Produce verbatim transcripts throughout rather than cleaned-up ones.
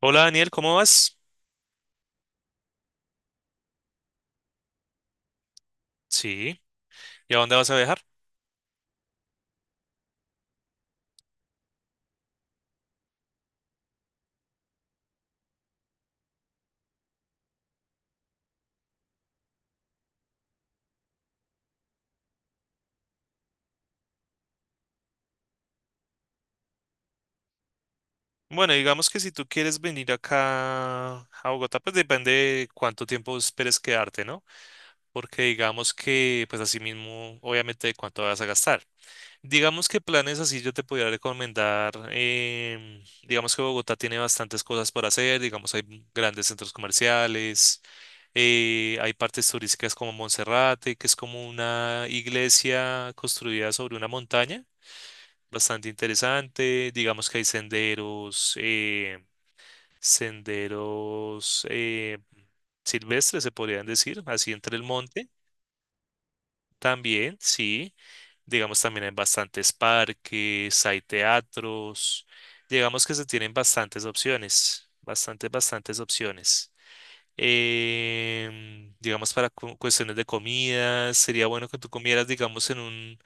Hola Daniel, ¿cómo vas? Sí. ¿Y a dónde vas a viajar? Bueno, digamos que si tú quieres venir acá a Bogotá, pues depende de cuánto tiempo esperes quedarte, ¿no? Porque digamos que, pues así mismo, obviamente, de cuánto vas a gastar. Digamos que planes así yo te podría recomendar, em, digamos que Bogotá tiene bastantes cosas por hacer, digamos hay grandes centros comerciales, eh, hay partes turísticas como Monserrate, que es como una iglesia construida sobre una montaña bastante interesante. Digamos que hay senderos, eh, senderos eh, silvestres, se podrían decir, así entre el monte. También, sí. Digamos, también hay bastantes parques, hay teatros. Digamos que se tienen bastantes opciones, bastantes, bastantes opciones. Em, digamos, para cu- cuestiones de comida, sería bueno que tú comieras, digamos, en un,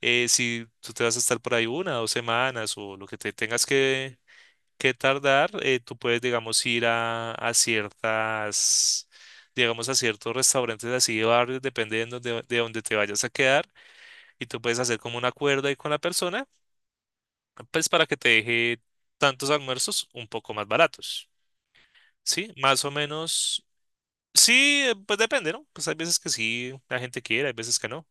eh, si tú te vas a estar por ahí una, dos semanas o lo que te tengas que, que tardar, eh, tú puedes, digamos, ir a, a ciertas, digamos, a ciertos restaurantes así de barrios, depende de donde, de donde te vayas a quedar, y tú puedes hacer como un acuerdo ahí con la persona, pues para que te deje tantos almuerzos un poco más baratos, ¿sí? Más o menos, sí, eh, pues depende, ¿no? Pues hay veces que sí, la gente quiere, hay veces que no.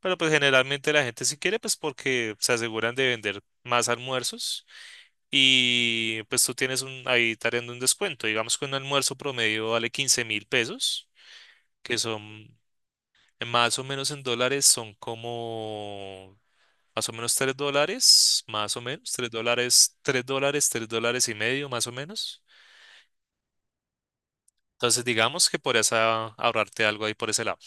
Pero pues generalmente la gente si quiere, pues porque se aseguran de vender más almuerzos y pues tú tienes un, ahí tariendo un descuento. Digamos que un almuerzo promedio vale quince mil pesos, que son eh, más o menos en dólares, son como más o menos tres dólares, más o menos, tres dólares, tres dólares, tres dólares y medio, más o menos. Entonces digamos que podrías a- ahorrarte algo ahí por ese lado.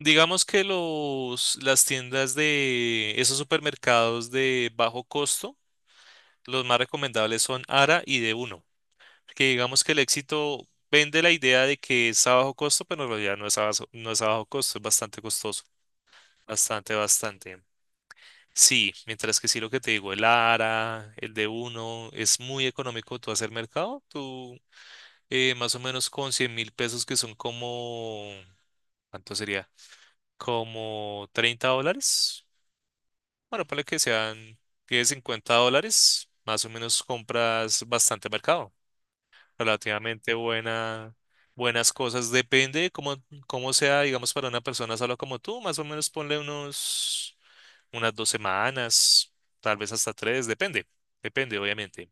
Digamos que los, las tiendas de esos supermercados de bajo costo, los más recomendables son ARA y d uno, que digamos que el éxito vende la idea de que es a bajo costo, pero en realidad no es a bajo, no es a bajo costo, es bastante costoso, bastante, bastante. Sí, mientras que sí lo que te digo, el ARA, el d uno es muy económico tú hacer mercado, tú, eh, más o menos con cien mil pesos que son como, ¿cuánto sería? Como treinta dólares. Bueno, para que sean diez, cincuenta dólares, más o menos compras bastante mercado, relativamente buena, buenas cosas. Depende de cómo, cómo sea, digamos, para una persona solo como tú, más o menos ponle unos, unas dos semanas, tal vez hasta tres, depende, depende, obviamente.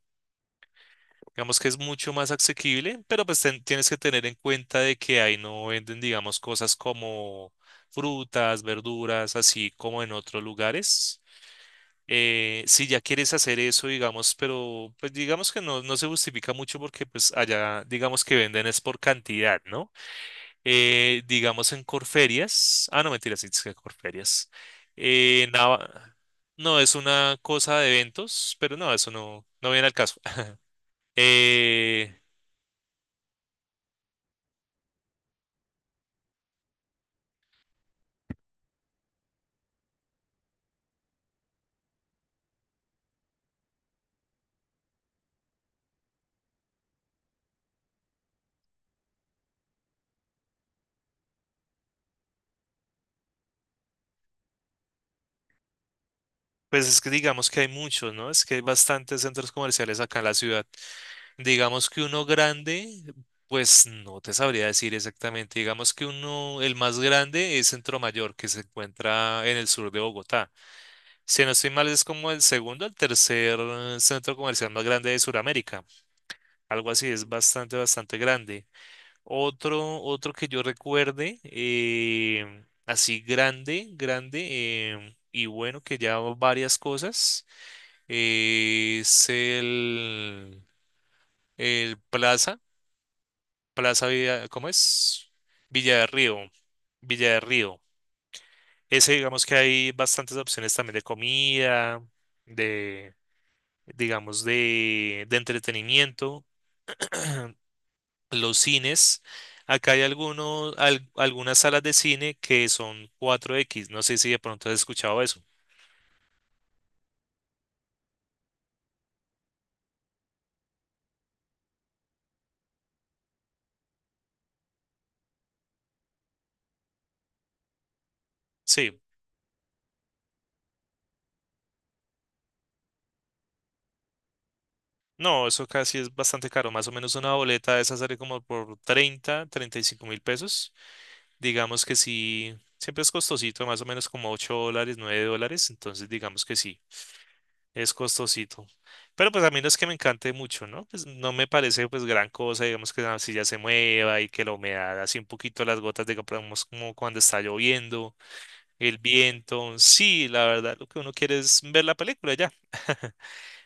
Digamos que es mucho más asequible, pero pues ten- tienes que tener en cuenta de que ahí no venden, digamos, cosas como frutas, verduras, así como en otros lugares. Eh, si ya quieres hacer eso, digamos, pero pues digamos que no, no se justifica mucho porque pues allá digamos que venden es por cantidad, ¿no? Eh, digamos en Corferias, ah, no, mentira sí, es que Corferias. Eh, Nava- no, es una cosa de eventos, pero no, eso no, no viene al caso. Eh, pues es que digamos que hay muchos, ¿no? Es que hay bastantes centros comerciales acá en la ciudad. Digamos que uno grande, pues no te sabría decir exactamente. Digamos que uno, el más grande es Centro Mayor, que se encuentra en el sur de Bogotá. Si no estoy mal, es como el segundo, el tercer eh, centro comercial más grande de Sudamérica. Algo así, es bastante, bastante grande. Otro, otro que yo recuerde, eh, así grande, grande, eh, y bueno, que ya varias cosas, eh, es el, el Plaza Plaza Villa, ¿cómo es? Villa de Río, Villa de Río. Ese, digamos que hay bastantes opciones también de comida, de, digamos, de, de entretenimiento. Los cines, acá hay algunos, al- algunas salas de cine que son cuatro x. No sé si de pronto has escuchado eso. Sí, no, eso casi es bastante caro. Más o menos una boleta de esa sale como por treinta, treinta y cinco mil pesos. Digamos que sí, siempre es costosito, más o menos como ocho dólares, nueve dólares, entonces digamos que sí, es costosito. Pero pues a mí no es que me encante mucho, ¿no? Pues no me parece pues gran cosa, digamos que la silla se mueva y que la humedad, así un poquito las gotas, digamos como cuando está lloviendo, el viento, sí, la verdad lo que uno quiere es ver la película ya.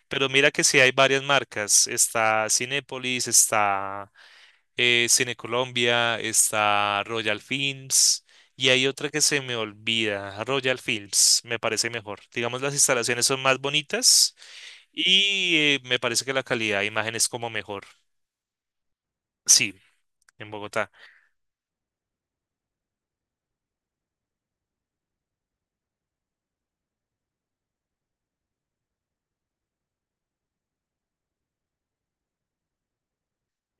Pero mira que sí hay varias marcas, está Cinépolis, está eh, Cine Colombia, está Royal Films y hay otra que se me olvida, Royal Films, me parece mejor. Digamos, las instalaciones son más bonitas y eh, me parece que la calidad de imagen es como mejor. Sí, en Bogotá.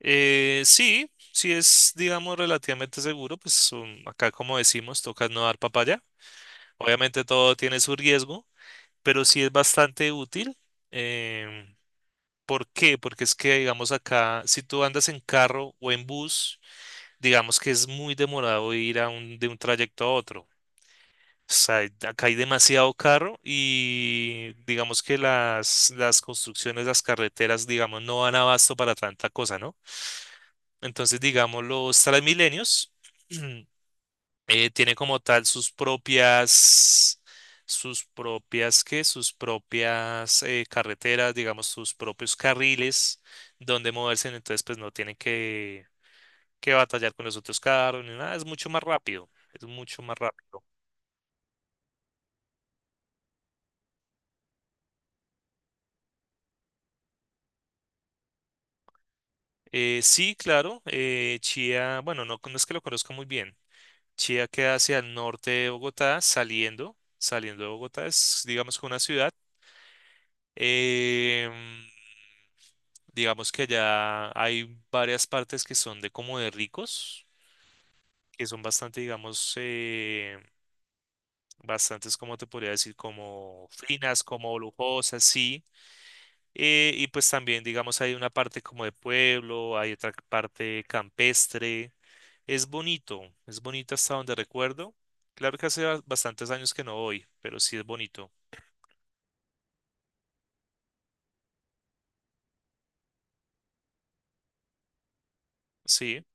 Eh, sí, sí es, digamos, relativamente seguro, pues um, acá como decimos, toca no dar papaya. Obviamente todo tiene su riesgo, pero sí es bastante útil. em, ¿Por qué? Porque es que, digamos, acá, si tú andas en carro o en bus, digamos que es muy demorado ir a un, de un trayecto a otro. O sea, acá hay demasiado carro y digamos que las, las construcciones, las carreteras, digamos, no dan abasto para tanta cosa, ¿no? Entonces, digamos, los Transmilenios eh, tienen como tal sus propias, sus propias, ¿qué? Sus propias eh, carreteras, digamos, sus propios carriles donde moverse. Entonces, pues no tienen que que batallar con los otros carros ni nada, es mucho más rápido, es mucho más rápido. Eh, sí, claro, eh, Chía, bueno, no, no es que lo conozca muy bien. Chía queda hacia el norte de Bogotá, saliendo, saliendo de Bogotá, es digamos que una ciudad. Eh, digamos que allá hay varias partes que son de como de ricos, que son bastante, digamos, eh, bastantes, como te podría decir, como finas, como lujosas, sí. Eh, y pues también, digamos, hay una parte como de pueblo, hay otra parte campestre. Es bonito, es bonito hasta donde recuerdo. Claro que hace ba- bastantes años que no voy, pero sí es bonito. Sí.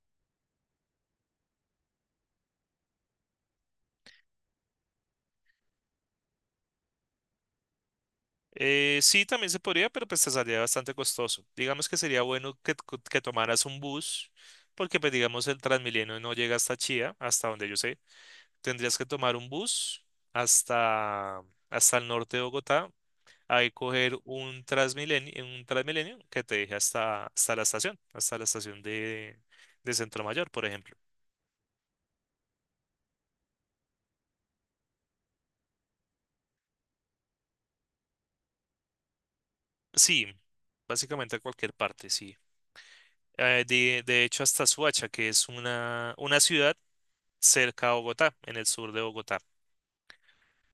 Eh, sí, también se podría, pero pues te saldría bastante costoso. Digamos que sería bueno que, t- que tomaras un bus, porque pues digamos el Transmilenio no llega hasta Chía, hasta donde yo sé. Tendrías que tomar un bus hasta, hasta el norte de Bogotá, ahí coger un Transmilenio, un Transmilenio que te deje hasta, hasta la estación, hasta la estación de, de Centro Mayor, por ejemplo. Sí, básicamente a cualquier parte, sí. Eh, de, de hecho, hasta Suacha, que es una, una ciudad cerca a Bogotá, en el sur de Bogotá.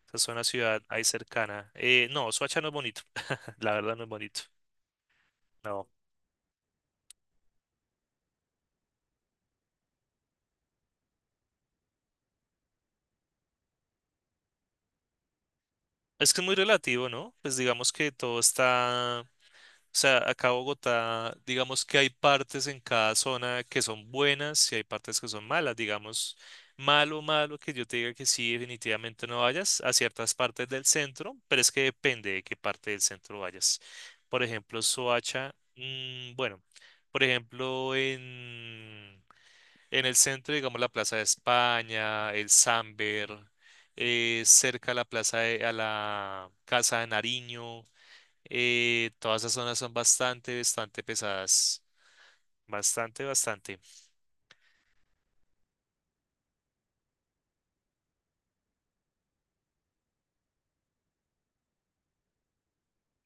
Esa es una ciudad ahí cercana. Eh, no, Suacha no es bonito. La verdad no es bonito. No. Es que es muy relativo, ¿no? Pues digamos que todo está. O sea, acá Bogotá, digamos que hay partes en cada zona que son buenas y hay partes que son malas. Digamos, malo, malo que yo te diga que sí, definitivamente no vayas a ciertas partes del centro, pero es que depende de qué parte del centro vayas. Por ejemplo, Soacha, mm, bueno, por ejemplo, en, en el centro, digamos, la Plaza de España, el Samber, eh, cerca a la plaza de- a la Casa de Nariño. Eh, todas esas zonas son bastante, bastante pesadas. Bastante, bastante.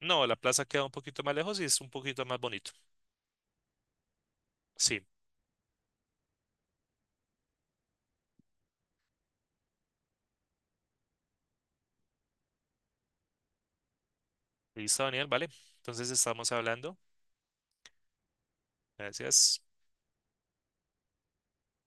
No, la plaza queda un poquito más lejos y es un poquito más bonito. Sí. Listo, Daniel, vale. Entonces estamos hablando. Gracias.